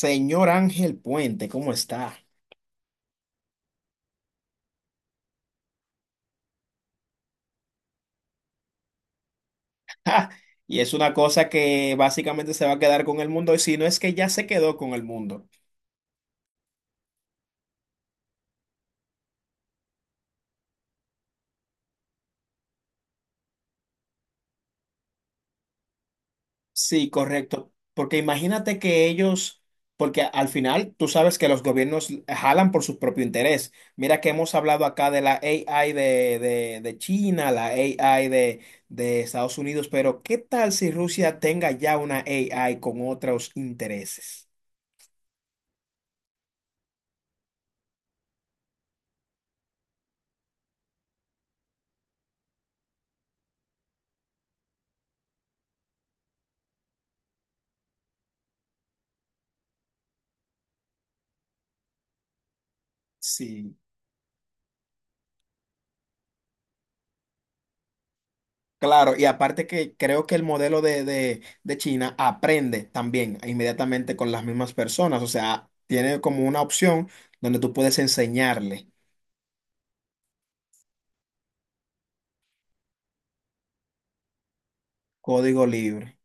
Señor Ángel Puente, ¿cómo está? ¡Ja! Y es una cosa que básicamente se va a quedar con el mundo, y si no es que ya se quedó con el mundo. Sí, correcto. Porque imagínate que ellos, porque al final tú sabes que los gobiernos jalan por su propio interés. Mira que hemos hablado acá de la AI de China, la AI de Estados Unidos, pero ¿qué tal si Rusia tenga ya una AI con otros intereses? Sí. Claro, y aparte que creo que el modelo de China aprende también inmediatamente con las mismas personas, o sea, tiene como una opción donde tú puedes enseñarle código libre.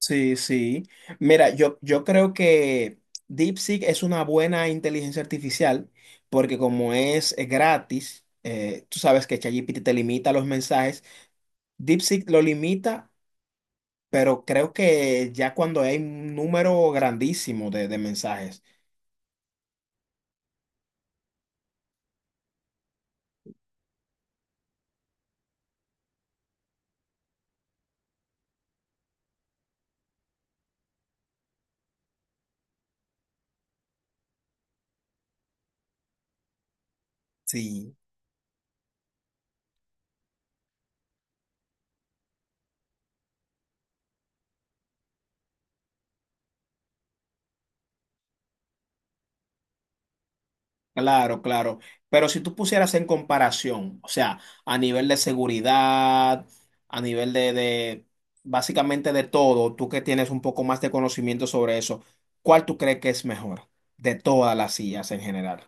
Sí, sí. Mira, yo creo que DeepSeek es una buena inteligencia artificial porque como es gratis, tú sabes que ChatGPT te limita los mensajes, DeepSeek lo limita, pero creo que ya cuando hay un número grandísimo de mensajes. Sí. Claro, claro. Pero si tú pusieras en comparación, o sea, a nivel de seguridad, a nivel de básicamente de todo, tú que tienes un poco más de conocimiento sobre eso, ¿cuál tú crees que es mejor de todas las sillas en general?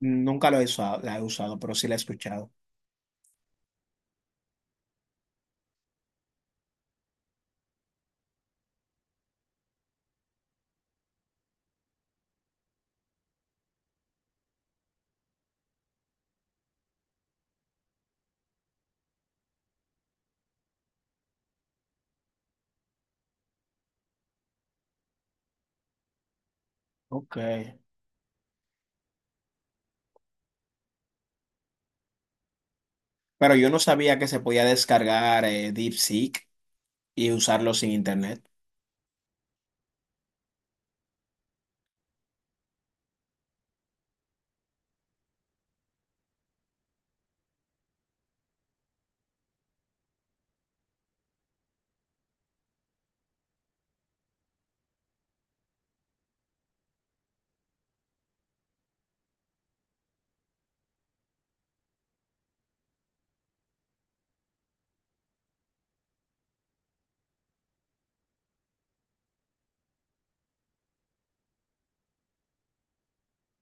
Nunca lo he usado, la he usado, pero sí la he escuchado. Ok. Pero yo no sabía que se podía descargar DeepSeek y usarlo sin internet.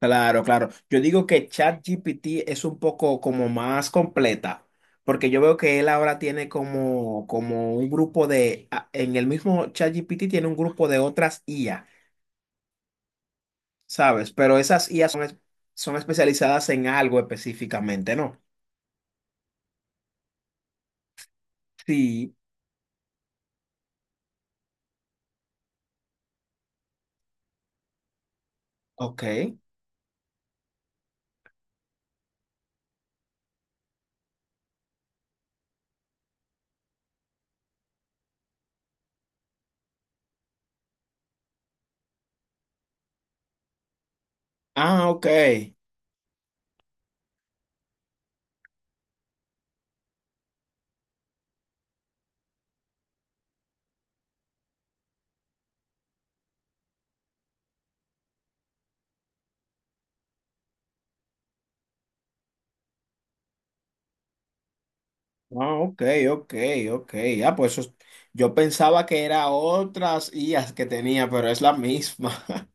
Claro, claro. Yo digo que ChatGPT es un poco como más completa, porque yo veo que él ahora tiene como, como un grupo de, en el mismo ChatGPT tiene un grupo de otras IA, ¿sabes? Pero esas IA son, son especializadas en algo específicamente, ¿no? Sí, ok. Ah, ok. Ah, ok, ok, ok. Ah, pues yo pensaba que era otras IAs que tenía, pero es la misma.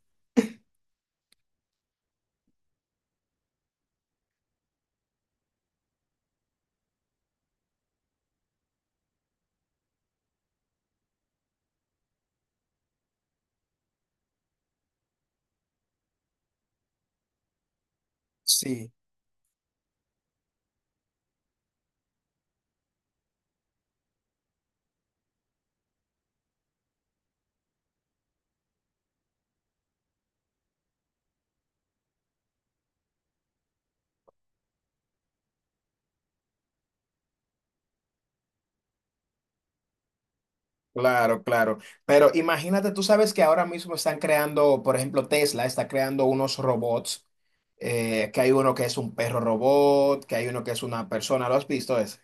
Sí. Claro, claro. Pero imagínate, tú sabes que ahora mismo están creando, por ejemplo, Tesla está creando unos robots, que hay uno que es un perro robot, que hay uno que es una persona, ¿lo has visto ese?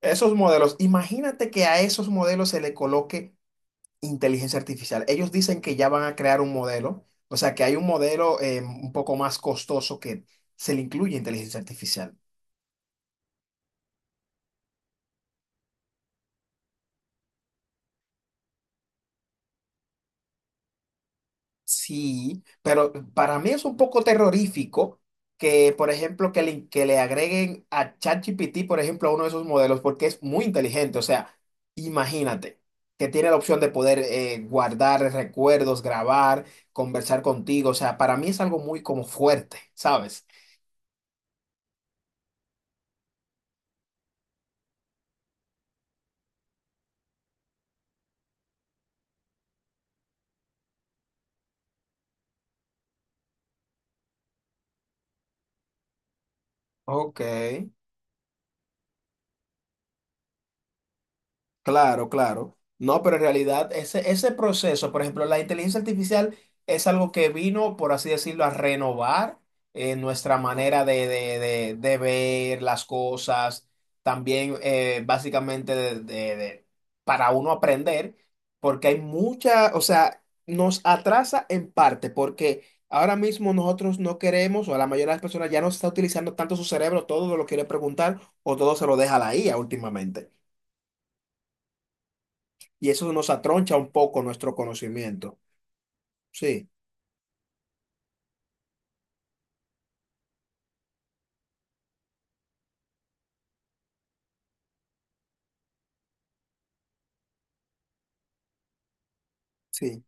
Esos modelos, imagínate que a esos modelos se le coloque inteligencia artificial. Ellos dicen que ya van a crear un modelo, o sea que hay un modelo un poco más costoso que se le incluye inteligencia artificial. Sí, pero para mí es un poco terrorífico que, por ejemplo, que le agreguen a ChatGPT, por ejemplo, a uno de esos modelos, porque es muy inteligente. O sea, imagínate que tiene la opción de poder guardar recuerdos, grabar, conversar contigo. O sea, para mí es algo muy como fuerte, ¿sabes? Ok. Claro, claro. No, pero en realidad ese proceso, por ejemplo, la inteligencia artificial es algo que vino, por así decirlo, a renovar nuestra manera de, de ver las cosas, también básicamente de, para uno aprender, porque hay mucha, o sea, nos atrasa en parte, porque ahora mismo nosotros no queremos, o la mayoría de las personas ya no está utilizando tanto su cerebro, todo lo quiere preguntar o todo se lo deja a la IA últimamente y eso nos atroncha un poco nuestro conocimiento. Sí, sí.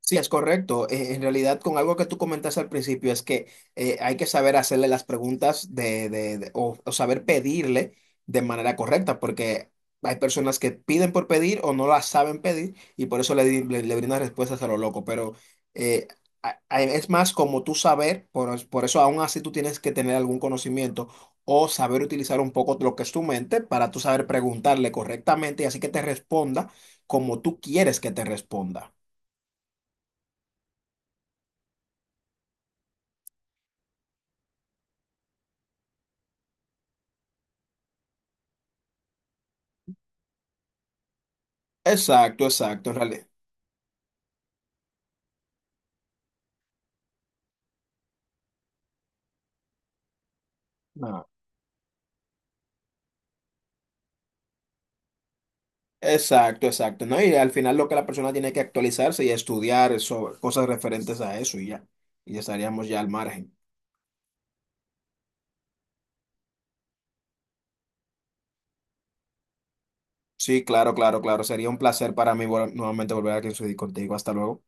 Sí, es correcto. En realidad, con algo que tú comentaste al principio, es que hay que saber hacerle las preguntas de, o saber pedirle de manera correcta, porque hay personas que piden por pedir o no las saben pedir y por eso le brindan respuestas a lo loco. Pero eh, es más como tú saber, por eso aún así tú tienes que tener algún conocimiento o saber utilizar un poco lo que es tu mente para tú saber preguntarle correctamente y así que te responda como tú quieres que te responda. Exacto, exacto, en realidad. Ah, exacto, exacto, ¿no? Y al final lo que la persona tiene que actualizarse y estudiar sobre cosas referentes a eso y ya. Y ya estaríamos ya al margen. Sí, claro, claro, claro. Sería un placer para mí nuevamente volver aquí a discutir contigo. Hasta luego.